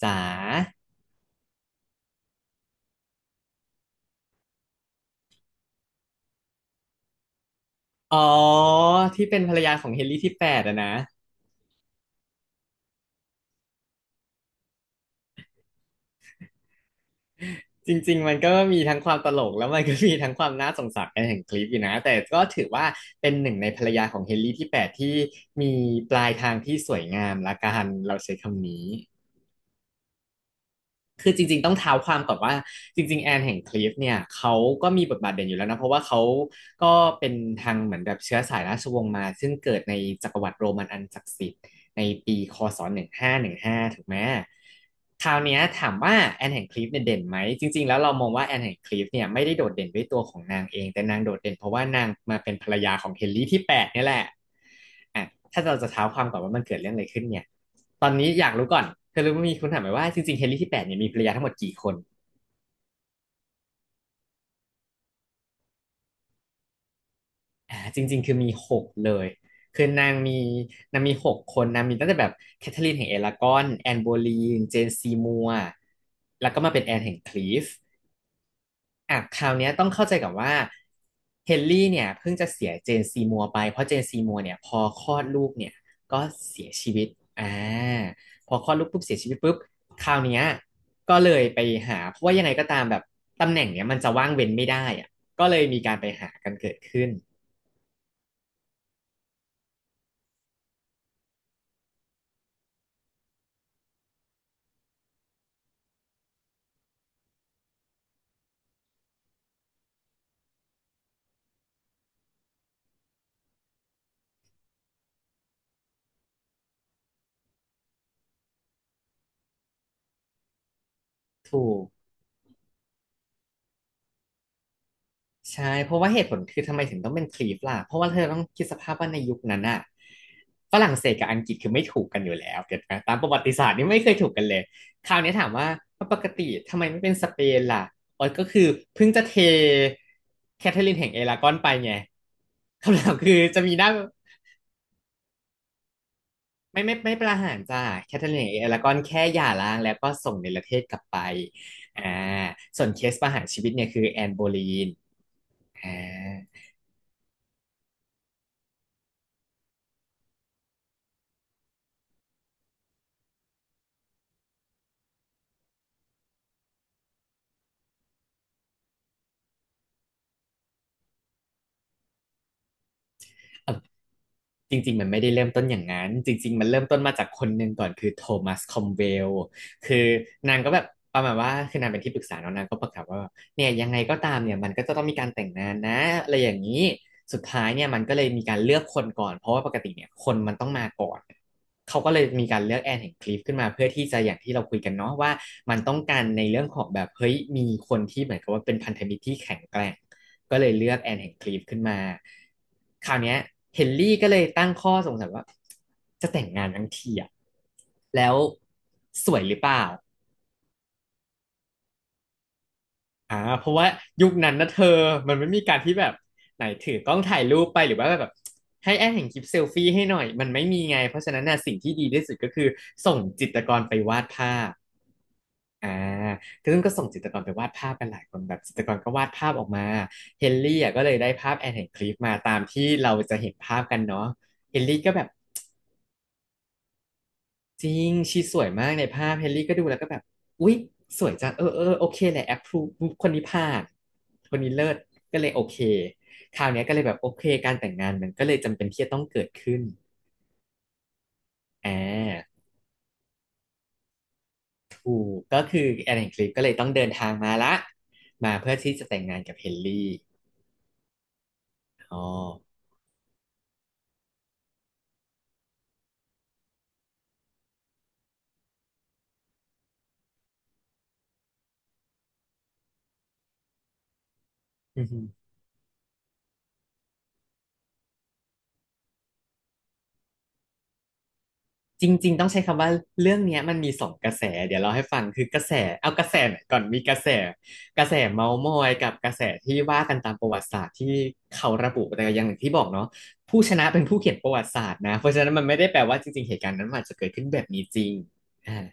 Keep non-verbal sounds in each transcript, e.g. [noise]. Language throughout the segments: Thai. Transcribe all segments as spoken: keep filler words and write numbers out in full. จ๋าอ๋อที่เป็นภรรยาของเฮนรี่ที่แปดอะนะจริงๆมันก็มีทั้งความตลกแล้วมันก็มีทั้งความน่าสงสารแห่งคลิปอยู่นะแต่ก็ถือว่าเป็นหนึ่งในภรรยาของเฮนรี่ที่แปดที่มีปลายทางที่สวยงามละกันเราใช้คำนี้ คือจริงๆต้องเท้าความก่อนว่าจริงๆ แอนแห่งคลิฟเนี่ยเขาก็มีบทบาทเด่นอยู่แล้วนะเพราะว่าเขาก็เป็นทางเหมือนแบบเชื้อสายราชวงศ์มาซึ่งเกิดในจักรวรรดิโรมันอันศักดิ์สิทธิ์ ในปีคอศอหนึ่งห้าหนึ่งห้าถูกไหมคราวเนี้ยถามว่าแอนแห่งคลิฟเนี่ยเด่นไหมจริงๆแล้วเรามองว่าแอนแห่งคลิฟเนี่ยไม่ได้โดดเด่นด้วยตัวของนางเองแต่นางโดดเด่นเพราะว่านางมาเป็นภรรยาของเฮนรี่ที่แปดเนี่ยแหละอ่ะถ้าเราจะเท้าความก่อนว่ามันเกิดเรื่องอะไรขึ้นเนี่ยตอนนี้อยากรู้ก่อนเธอรู้ไหมมีคุณถามไหมว่าจริงๆเฮนรี่ที่แปดเนี่ยมีภรรยาทั้งหมดกี่คน อ่าจริงๆคือมีหกเลยคือนางมีนางมีหกคนนางมีตั้งแต่แบบแคทเธอรีนแห่งเอลากอนแอนโบลีนเจนซีมัวแล้วก็มาเป็นแอนแห่งคลีฟอ่ะคราวเนี้ยต้องเข้าใจกับว่าเฮนรี่เนี่ยเพิ่งจะเสียเจนซีมัวไปเพราะเจนซีมัวเนี่ยพอคลอดลูกเนี่ยก็เสียชีวิตอ่าพอคลอดลูกปุ๊บเสียชีวิตปุ๊บคราวเนี้ยก็เลยไปหาเพราะว่ายังไงก็ตามแบบตำแหน่งเนี่ยมันจะว่างเว้นไม่ได้อ่ะก็เลยมีการไปหากันเกิดขึ้นถูก ใช่เพราะว่าเหตุผลคือทำไมถึงต้องเป็นคลีฟล่ะเพราะว่าเธอต้องคิดสภาพว่าในยุคนั้นอะฝรั่งเศสกับอังกฤษคือไม่ถูกกันอยู่แล้วเก็ตไหมตามประวัติศาสตร์นี่ไม่เคยถูกกันเลยคราวนี้ถามว่าปกติทำไมไม่เป็นสเปนล่ะอ๋อก็คือเพิ่งจะเทแคทเธอรีนแห่งเอรากอนไปไงคำถามคือจะมีหน้าไม่ไม่ไม่ประหารจ้าแคทเธอรีนแห่งเอรากอนแค่หย่าร้างแล้วก็ส่งเนรเทศกลับไปอ่าส่วนเคสประหารชีวิตเนี่ยคือแอนโบลีนอ่า จริงๆมันไม่ได้เริ่มต้นอย่างนั้นจริงๆมันเริ่มต้นมาจากคนหนึ่งก่อนคือโทมัสคอมเวลคือนางก็แบบประมาณว่าคือนางเป็นที่ปรึกษาเนาะนางก็ประกาศว่าเนี่ยยังไงก็ตามเนี่ยมันก็จะต้องมีการแต่งงานนะอะไรอย่างนี้สุดท้ายเนี่ยมันก็เลยมีการเลือกคนก่อนเพราะว่าปกติเนี่ยคนมันต้องมาก่อนเขาก็เลยมีการเลือกแอนแห่งคลิฟขึ้นมาเพื่อที่จะอย่างที่เราคุยกันเนาะว่ามันต้องการในเรื่องของแบบเฮ้ยมีคนที่เหมือนกับว่าเป็นพันธมิตรที่แข็งแกร่ง ก็เลยเลือกแอนแห่งคลีฟขึ้นมาคราวนี้เฮนรี่ก็เลยตั้งข้อสงสัยว่าจะแต่งงานทั้งทีอะแล้วสวยหรือเปล่าอ่าเพราะว่ายุคนั้นนะเธอมันไม่มีการที่แบบไหนถือกล้องถ่ายรูปไปหรือว่าแบบให้แอนแห่งคลิปเซลฟี่ให้หน่อยมันไม่มีไงเพราะฉะนั้นน่ะสิ่งที่ดีที่สุดก็คือส่งจิตรกรไปวาดภาพ อ่าคือซึ่งก็ส่งจิตรกรไปวาดภาพกันหลายคนแบบจิตรกรก็วาดภาพออกมาเฮนรี่อ่ะก็เลยได้ภาพแอนแห่งคลิฟมาตามที่เราจะเห็นภาพกันเนาะเฮนรี่ก็แบบจริงชีสวยมากในภาพเฮนรี่ก็ดูแล้วก็แบบอุ๊ยสวยจังเออเออโอเคแหละแอปพรูคนนี้ผ่านคนนี้เลิศก็เลยโอเคคราวเนี้ยก็เลยแบบโอเคการแต่งงานมันก็เลยจำเป็นที่จะต้องเกิดขึ้นอ่าถูกก็คือแอนแห่งคลิฟก็เลยต้องเดินทางมาละมาเพื่อที่จะแต่งงานกับเฮนรี่อ๋อ จริงๆต้องใช้คำว่าเรื่องเนี้ยมันมีสองกระแสเดี๋ยวเราให้ฟังคือกระแสเอากระแสไหนก่อนมีกระแสกระแสเมาท์มอยกับกระแสที่ว่ากันตามประวัติศาสตร์ที่เขาระบุแต่อย่างที่บอกเนาะผู้ชนะเป็นผู้เขียนประวัติศาสตร์นะเพราะฉะนั้นมันไม่ได้แปลว่าจริงๆเหตุการณ์นั้นมันอาจจะเกิดขึ้นแบบนี้จริงอ่า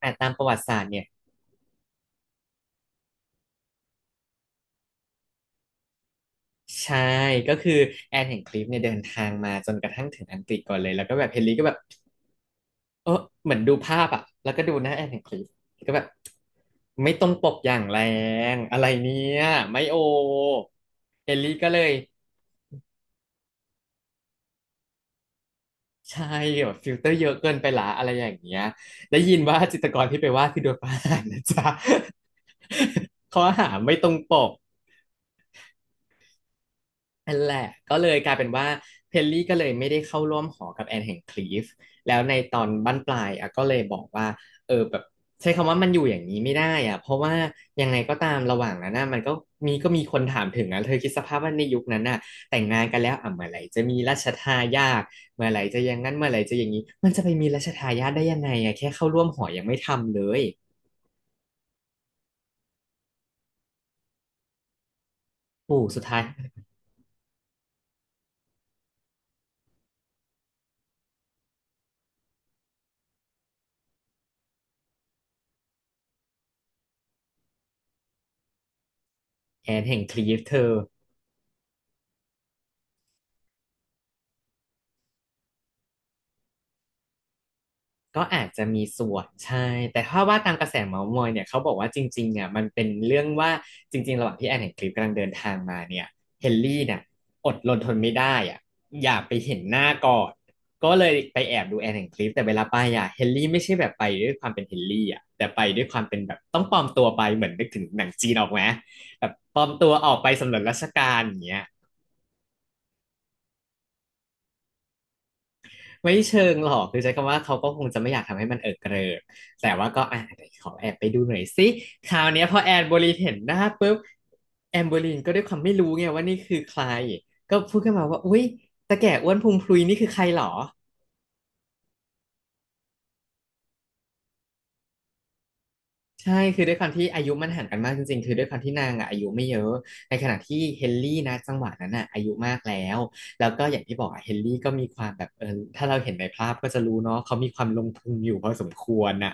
แต่ตามประวัติศาสตร์เนี่ยใช่ก็คือแอนแห่งคลิปเนี่ยเดินทางมาจนกระทั่งถึงอังกฤษก่อนเลยแล้วก็แบบเฮนรี่ก็แบบ เออเหมือนดูภาพอ่ะแล้วก็ดูหน้าแอนแห่งคลิปก็แบบไม่ต้องปบอย่างแรงอะไรเนี่ยไม่โอเอลลี่ก็เลยใช่แบบฟิลเตอร์เยอะเกินไปละอะไรอย่างเงี้ยได้ยินว่าจิตรกรที่ไปวาดคือโดนประหารนะจ๊ะ [laughs] ข้อหาไม่ตรงปก นั่นแหละก็เลยกลายเป็นว่าเพลลี่ก็เลยไม่ได้เข้าร่วมหอกับแอนแห่งคลีฟแล้วในตอนบั้นปลายอ่ะก็เลยบอกว่าเออแบบใช้คำว่ามันอยู่อย่างนี้ไม่ได้อ่ะเพราะว่ายังไงก็ตามระหว่างนั้นน่ะมันก็มีก็มีคนถามถึงนะเธอคิดสภาพว่าในยุคนั้นน่ะแต่งงานกันแล้วอ่ะเมื่อไหร่จะมีราชทายาทเมื่อไหร่จะอย่างนั้นเมื่อไหร่จะอย่างนี้มันจะไปมีราชทายาทได้ยังไงอ่ะแค่เข้าร่วมหอยังไม่ทำเลยปู่สุดท้ายแอนแห่งคลีฟเธอ ก็อาจจะมีส่วนใช่ แต่ถ้าว่าตามกระแสเมาส์มอยเนี่ยเขาบอกว่าจริงๆเนี่ยมันเป็นเรื่องว่าจริงๆระหว่างที่แอนเห็นคลิปกำลังเดินทางมาเนี่ยเฮนรี่เนี่ยอดรนทนไม่ได้อ่ะอยากไปเห็นหน้าก่อนก็เลยไปแอบดูแอนเห็นคลิปแต่เวลาไปอ่ะเฮนรี่ไม่ใช่แบบไปด้วยความเป็นเฮนรี่อ่ะแต่ไปด้วยความเป็นแบบต้องปลอมตัวไปเหมือนนึกถึงหนังจีนออกไหมแบบปลอมตัวออกไปสำรวจราชการอย่างเงี้ย ไม่เชิงหรอกคือใช้คำว่าเขาก็คงจะไม่อยากทำให้มันเอิกเกริกแต่ว่าก็อ่ะไหขอแอบไปดูหน่อยสิคราวเนี้ยพอแอนโบลีนเห็นหน้าปุ๊บแอนโบลีนก็ด้วยความไม่รู้ไงว่านี่คือใครก็พูดขึ้นมาว่าอุ๊ยตาแก่อ้วนพุงพลุยนี่คือใครหรอใช่คือด้วยความที่อายุมันห่างกันมากจริงๆคือด้วยความที่นางอะอายุไม่เยอะในขณะที่เฮนรี่นะจังหวะนั้นอ่ะอายุมากแล้วแล้วก็อย่างที่บอกอะเฮนรี่ก็มีความแบบเออถ้าเราเห็นในภาพก็จะรู้เนาะเขามีความลงทุนอยู่พอสมควรอ่ะ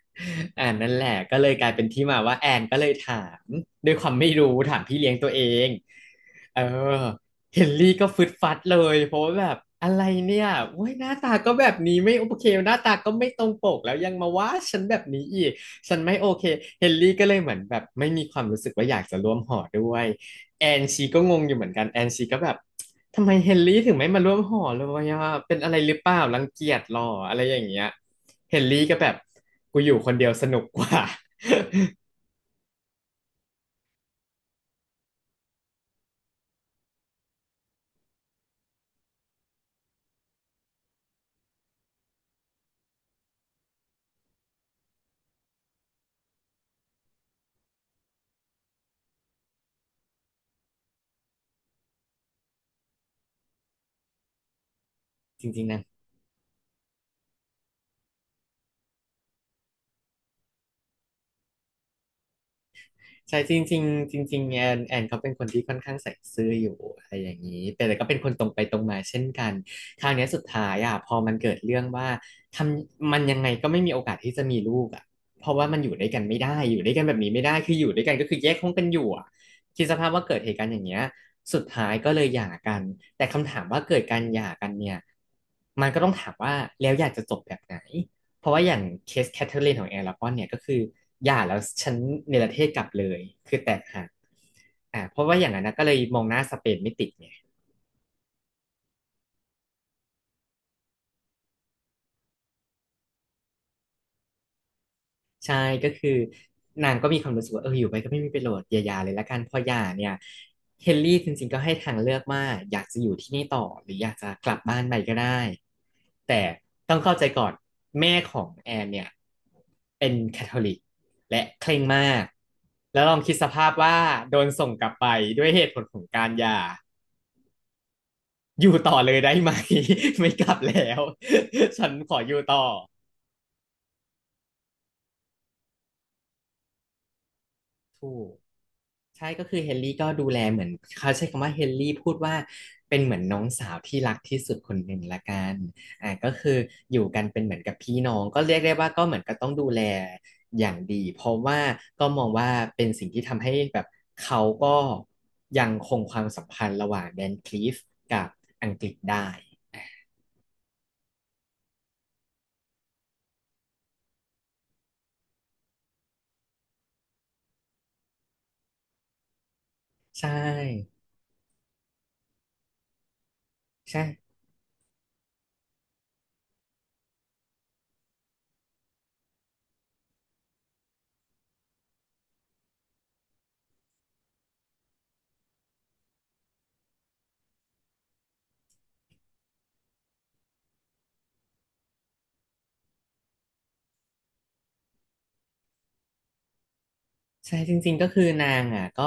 [laughs] อ่านั่นแหละก็เลยกลายเป็นที่มาว่าแอนก็เลยถามด้วยความไม่รู้ถามพี่เลี้ยงตัวเองเออเฮนรี่ก็ฟึดฟัดเลยเพราะว่าแบบอะไรเนี่ยเว้ยหน้าตาก็แบบนี้ไม่โอเคหน้าตาก็ไม่ตรงปกแล้วยังมาว่าฉันแบบนี้อีกฉันไม่โอเคเฮนรี่ก็เลยเหมือนแบบไม่มีความรู้สึกว่าอยากจะร่วมหอด้วยแอนชีก็งงอยู่เหมือนกันแอนชีก็แบบ ทำไมเฮนรี่ถึงไม่มาร่วมหอเลยวะเป็นอะไรหรือเปล่ารังเกียจหรออะไรอย่างเงี้ยเฮนรี่ก็แบบกูอยู่คนเดียวสนุกกว่า [laughs] จริงๆนะ ใช่จริงๆจริงจริงๆแอนแอนเขาเป็นคนที่ค่อนข้างใส่ซื่ออยู่อะไรอย่างนี้แต่แต่ก็เป็นคนตรงไปตรงมาเช่นกันคราวเนี้ยสุดท้ายอ่ะพอมันเกิดเรื่องว่าทำมันยังไงก็ไม่มีโอกาสที่จะมีลูกอ่ะเพราะว่ามันอยู่ด้วยกันไม่ได้อยู่ด้วยกันแบบนี้ไม่ได้คืออยู่ด้วยกันก็คือแยกห้องกันอยู่อ่ะคิดสภาพว่าเกิดเหตุการณ์อย่างเงี้ยสุดท้ายก็เลยหย่ากันแต่คำถามว่าเกิดการหย่ากันเนี่ยมันก็ต้องถามว่าแล้วอยากจะจบแบบไหน เพราะว่าอย่างเคสแคทเธอรีนของแอร์ลาปอนเนี่ยก็คือหย่าแล้วฉันเนรเทศกลับเลยคือแตกหักอ่าเพราะว่าอย่างนั้นนะก็เลยมองหน้าสเปนไม่ติดไง ใช่ก็คือนางก็มีความรู้สึกว่าเอออยู่ไปก็ไม่มีประโยชน์อย่าหย่าเลยละกันพอหย่าเนี่ยเฮนรี่จริงๆก็ให้ทางเลือกว่าอยากจะอยู่ที่นี่ต่อหรืออยากจะกลับบ้านไปก็ได้แต่ต้องเข้าใจก่อนแม่ของแอนเนี่ยเป็นแคทอลิกและเคร่งมากแล้วลองคิดสภาพว่าโดนส่งกลับไปด้วยเหตุผลของการหย่าอยู่ต่อเลยได้ไหม [laughs] ไม่กลับแล้ว [laughs] ฉันขออยู่ต่อถูก ใช่ก็คือเฮนรี่ก็ดูแลเหมือนเขาใช้คำว่าเฮนรี่พูดว่าเป็นเหมือนน้องสาวที่รักที่สุดคนหนึ่งละกันอ่าก็คืออยู่กันเป็นเหมือนกับพี่น้องก็เรียกได้ว่าก็เหมือนก็ต้องดูแลอย่างดีเพราะว่าก็มองว่าเป็นสิ่งที่ทำให้แบบเขาก็ยังคงความสัมพันธ์ระหว่างแดนคลีฟกับอังกฤษได้ใช่ใช่ ใช่จริงๆก็คือนางอ่ะก็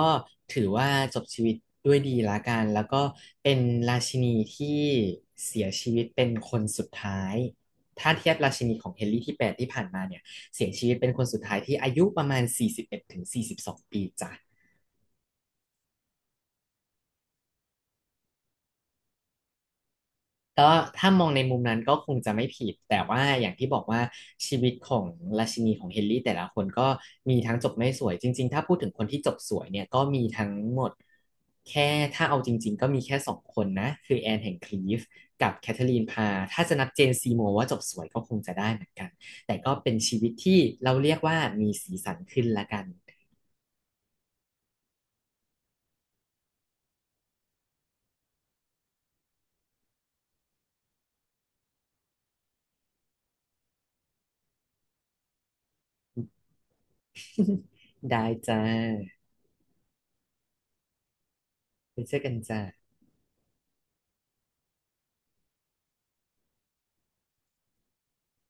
ถือว่าจบชีวิตด้วยดีละกันแล้วก็เป็นราชินีที่เสียชีวิตเป็นคนสุดท้ายถ้าเทียบราชินีของเฮนรี่ที่แปดที่ผ่านมาเนี่ยเสียชีวิตเป็นคนสุดท้ายที่อายุประมาณสี่สิบเอ็ดถึงสี่สิบสองปีจ้ะ ก็ถ้ามองในมุมนั้นก็คงจะไม่ผิดแต่ว่าอย่างที่บอกว่าชีวิตของราชินีของเฮนรี่แต่ละคนก็มีทั้งจบไม่สวยจริงๆถ้าพูดถึงคนที่จบสวยเนี่ยก็มีทั้งหมดแค่ถ้าเอาจริงๆก็มีแค่สองคนนะคือแอนแห่งคลีฟกับแคทเธอรีนพาร์ถ้าจะนับเจนซีโมว์ว่าจบสวยก็คงจะได้เหมือนกันแต่ก็เป็นชีวิตที่เราเรียกว่ามีสีสันขึ้นละกัน [laughs] ได้จ้าไปเจอกันจ้า